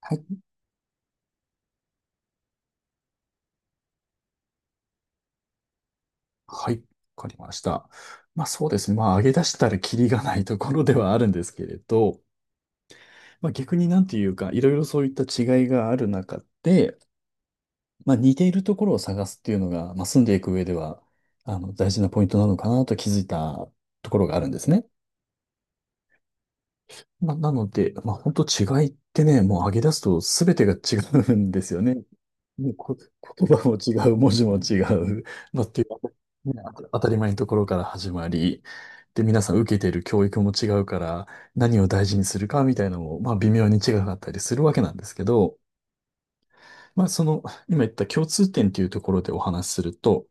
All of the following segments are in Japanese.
はい。はい。わかりました。まあそうですね。まあ上げ出したらキリがないところではあるんですけれど、まあ逆になんていうか、いろいろそういった違いがある中で、まあ似ているところを探すっていうのが、まあ住んでいく上では、あの、大事なポイントなのかなと気づいたところがあるんですね。まあなので、まあ本当違いってね、もう上げ出すと全てが違うんですよね。もうこ、言葉も違う、文字も違う、まあっていう、ね、当たり前のところから始まり、で、皆さん受けている教育も違うから、何を大事にするかみたいなのも、まあ微妙に違かったりするわけなんですけど、まあその、今言った共通点というところでお話しすると、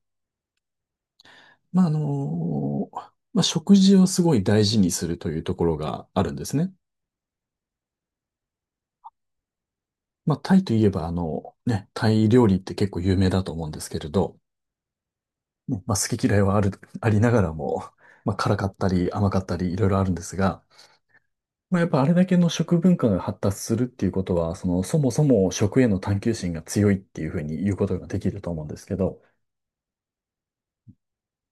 まああの、まあ食事をすごい大事にするというところがあるんですね。まあタイといえばあの、ね、タイ料理って結構有名だと思うんですけれど、ねまあ好き嫌いはありながらも、まあ辛かったり甘かったりいろいろあるんですが、まあ、やっぱあれだけの食文化が発達するっていうことは、その、そもそも食への探求心が強いっていうふうに言うことができると思うんですけど、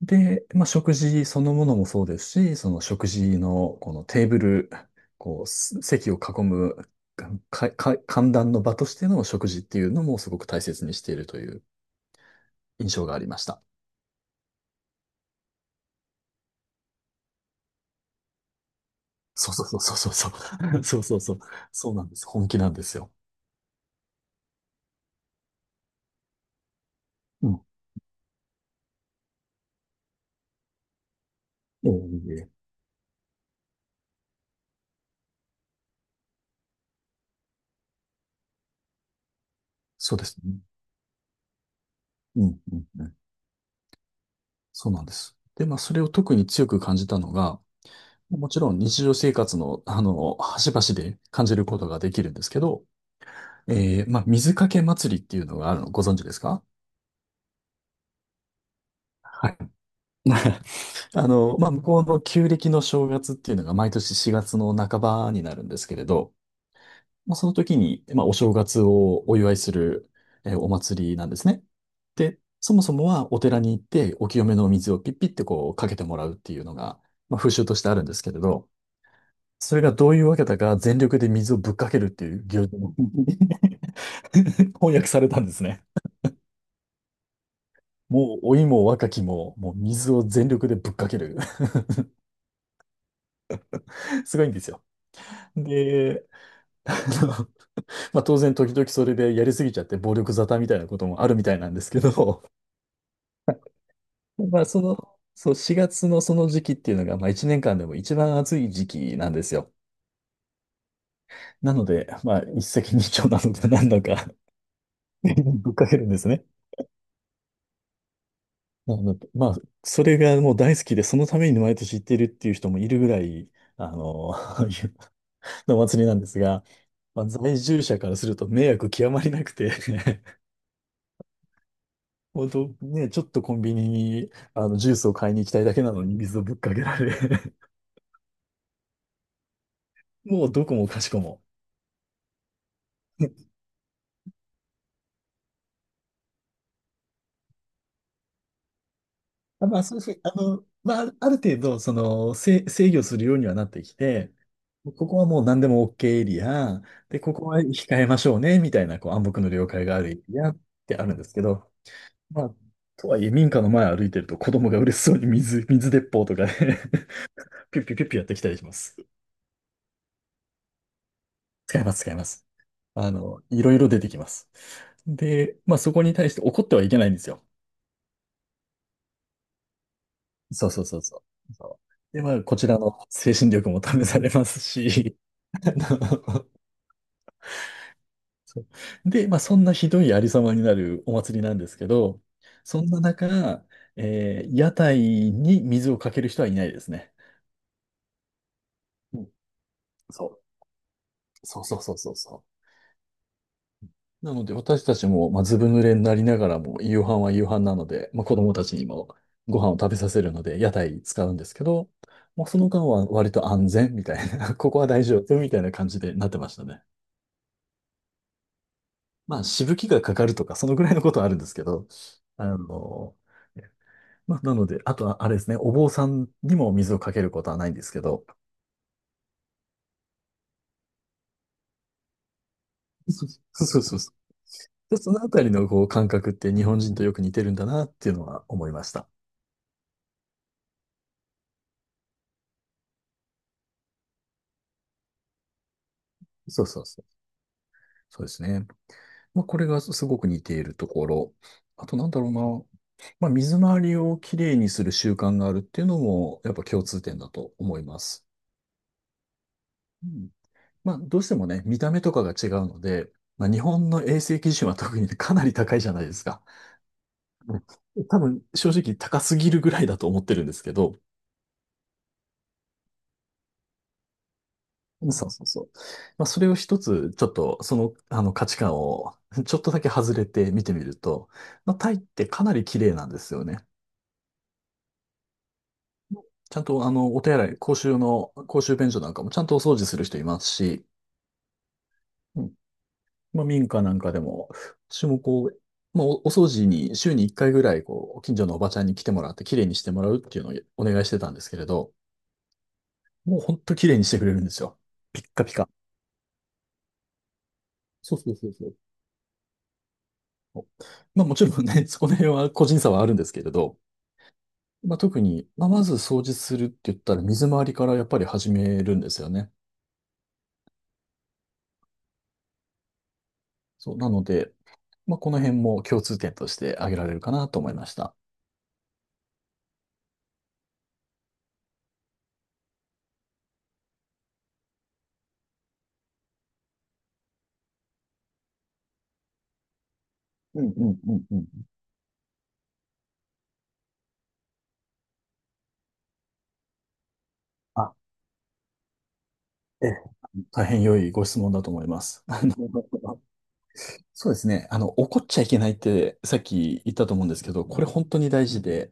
で、まあ、食事そのものもそうですし、その食事のこのテーブル、こう、席を囲む、歓談の場としての食事っていうのもすごく大切にしているという印象がありました。そうそうそうそうそう。そうそうそう。そうなんです。本気なんですよ。うん。ええ、そうですね。うん、うん、うん。そうなんです。で、まあ、それを特に強く感じたのが、もちろん日常生活の、あの、端々で感じることができるんですけど、まあ、水かけ祭りっていうのがあるのご存知ですか？はい。あの、まあ、向こうの旧暦の正月っていうのが毎年4月の半ばになるんですけれど、まあ、その時に、まあ、お正月をお祝いする、お祭りなんですね。で、そもそもはお寺に行ってお清めのお水をピッピってこうかけてもらうっていうのが、まあ、風習としてあるんですけれど、それがどういうわけだか全力で水をぶっかけるっていう行事も 翻訳されたんですね。もう老いも若きも、もう水を全力でぶっかける。すごいんですよ。で、あの、まあ、当然時々それでやりすぎちゃって暴力沙汰みたいなこともあるみたいなんですけど、まあその、そう4月のその時期っていうのが、まあ1年間でも一番暑い時期なんですよ。なので、まあ一石二鳥なのか何なのか ぶっかけるんですね。なるほまあ、それがもう大好きで、そのために毎年行ってるっていう人もいるぐらい、あの、のお祭りなんですが、まあ、在住者からすると迷惑極まりなくて 本当ね、ちょっとコンビニにあのジュースを買いに行きたいだけなのに水をぶっかけられ もうどこもかしこもあまあ、そうであの、まあ、ある程度、その、制御するようにはなってきて、ここはもう何でも OK エリア、で、ここは控えましょうね、みたいな、こう、暗黙の了解があるエリアってあるんですけど、まあ、とはいえ、民家の前歩いてると子供が嬉しそうに水鉄砲とかね ピュッピュッピュッピュやってきたりします。使います、使います。あの、いろいろ出てきます。で、まあ、そこに対して怒ってはいけないんですよ。そうそうそうそう。そう。で、まあ、こちらの精神力も試されますし、あのそうで、まあ、そんなひどいありさまになるお祭りなんですけど、そんな中、屋台に水をかける人はいないですね。うんそう、そうそうそうそうそう。なので、私たちも、まあ、ずぶ濡れになりながらも、夕飯は夕飯なので、まあ、子供たちにもご飯を食べさせるので、屋台使うんですけど、もうその間は割と安全みたいな、ここは大丈夫みたいな感じでなってましたね。まあ、しぶきがかかるとか、そのぐらいのことはあるんですけど、あの、まあ、なので、あとは、あれですね、お坊さんにも水をかけることはないんですけど、そうそうそうそう。でそのあたりのこう感覚って日本人とよく似てるんだなっていうのは思いました。そうそうそう。そうですね。まあ、これがすごく似ているところ。あとなんだろうな。まあ、水回りをきれいにする習慣があるっていうのも、やっぱ共通点だと思います。うんまあ、どうしてもね、見た目とかが違うので、まあ、日本の衛生基準は特にねかなり高いじゃないですか。うん多分、正直高すぎるぐらいだと思ってるんですけど、そうそうそう。まあ、それを一つ、ちょっと、その、あの価値観を、ちょっとだけ外れて見てみると、まあ、タイってかなり綺麗なんですよね。ちゃんと、あの、お手洗い、公衆便所なんかもちゃんとお掃除する人いますし、まあ、民家なんかでも、私もこう、まあ、お掃除に週に1回ぐらい、こう、近所のおばちゃんに来てもらって、綺麗にしてもらうっていうのをお願いしてたんですけれど、もうほんと綺麗にしてくれるんですよ。ピッカピカ。そうそうそうそう。まあ、もちろんね、そこの辺は個人差はあるんですけれど、まあ、特に、まあ、まず掃除するって言ったら、水回りからやっぱり始めるんですよね。そう、なので、まあ、この辺も共通点として挙げられるかなと思いました。うんうんうんうん。あ、ええ大変良いご質問だと思います。あのそうですね。あの、怒っちゃいけないってさっき言ったと思うんですけど、これ本当に大事で、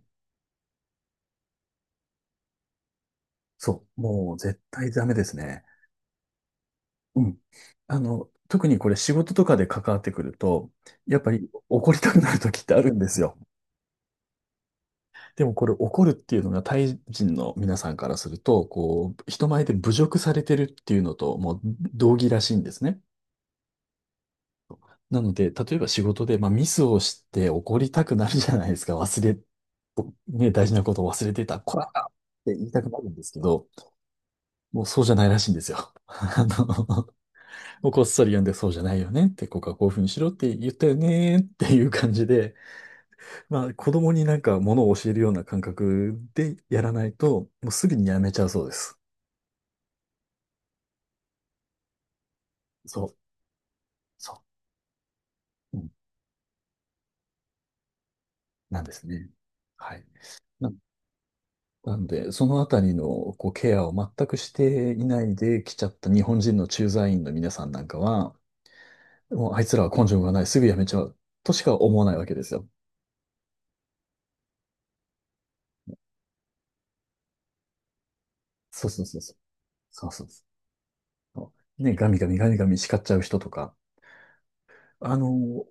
そう、もう絶対ダメですね。うん。あの、特にこれ仕事とかで関わってくると、やっぱり怒りたくなる時ってあるんですよ。でもこれ怒るっていうのがタイ人の皆さんからすると、こう、人前で侮辱されてるっていうのともう同義らしいんですね。なので、例えば仕事で、まあ、ミスをして怒りたくなるじゃないですか。忘れね、大事なことを忘れてた、こらって言いたくなるんですけど、もうそうじゃないらしいんですよ。あの、もうこっそり読んでそうじゃないよねって、ここはこういうふうにしろって言ったよねっていう感じで、まあ子供になんかものを教えるような感覚でやらないと、もうすぐにやめちゃうそうです。そう、そう、うん、なんですね。はい。な、なんで、そのあたりのこうケアを全くしていないで来ちゃった日本人の駐在員の皆さんなんかは、もうあいつらは根性がない、すぐやめちゃう、としか思わないわけですよ。そうそうそうそう。そうそうそう。ね、ガミガミガミガミ叱っちゃう人とか。あの、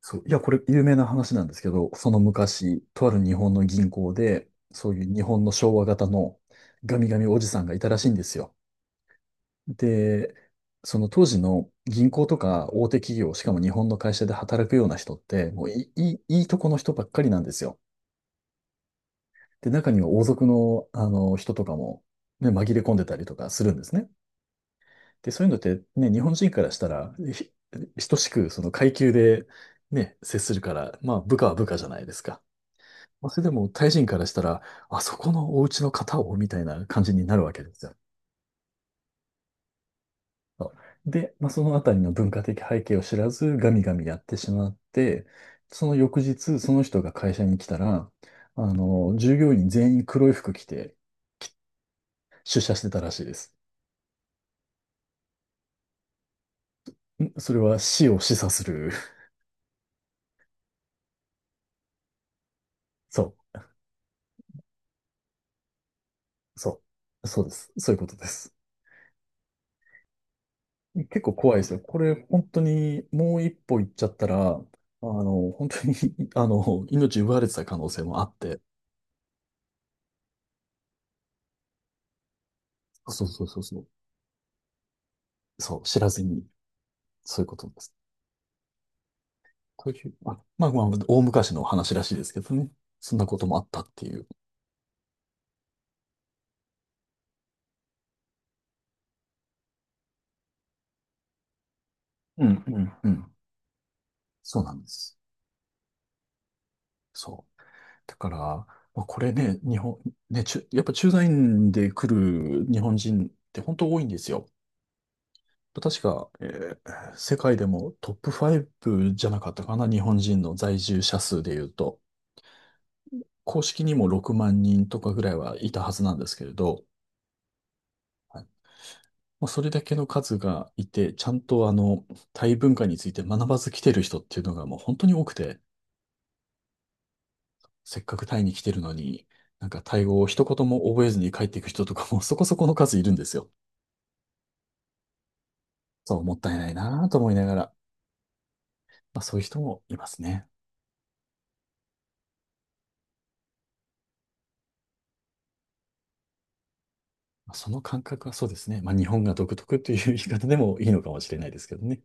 そう、いや、これ有名な話なんですけど、その昔、とある日本の銀行で、そういう日本の昭和型のガミガミおじさんがいたらしいんですよ。で、その当時の銀行とか大手企業、しかも日本の会社で働くような人って、もういい、いいいいとこの人ばっかりなんですよ。で、中には王族の、あの人とかも、ね、紛れ込んでたりとかするんですね。で、そういうのってね、日本人からしたら、等しくその階級でね、接するから、まあ部下は部下じゃないですか。まあ、それでもタイ人からしたら、あそこのお家の方をみたいな感じになるわけですよ。そうで、まあ、そのあたりの文化的背景を知らず、ガミガミやってしまって、その翌日、その人が会社に来たら、あの、従業員全員黒い服着て、出社してたらしいです。それは死を示唆する。そう、そう、そうです。そういうことです。結構怖いですよ。これ、本当に、もう一歩行っちゃったら、あの、本当に あの、命奪われてた可能性もあって、そうそうそうそう、そう、知らずに、そういうことです。という、あ、まあまあ、大昔の話らしいですけどね。そんなこともあったっていう。うん、うん、うん。そうなんです。そう。だから、まあ、これね、日本、ね、やっぱ駐在員で来る日本人って本当多いんですよ。確か、世界でもトップ5じゃなかったかな、日本人の在住者数で言うと、公式にも6万人とかぐらいはいたはずなんですけれど、はい、まあ、それだけの数がいて、ちゃんとあの、タイ文化について学ばず来てる人っていうのがもう本当に多くて、せっかくタイに来てるのに、なんかタイ語を一言も覚えずに帰っていく人とかもそこそこの数いるんですよ。そう、もったいないなぁと思いながら、まあそういう人もいますね。まあその感覚はそうですね。まあ、日本が独特という言い方でもいいのかもしれないですけどね。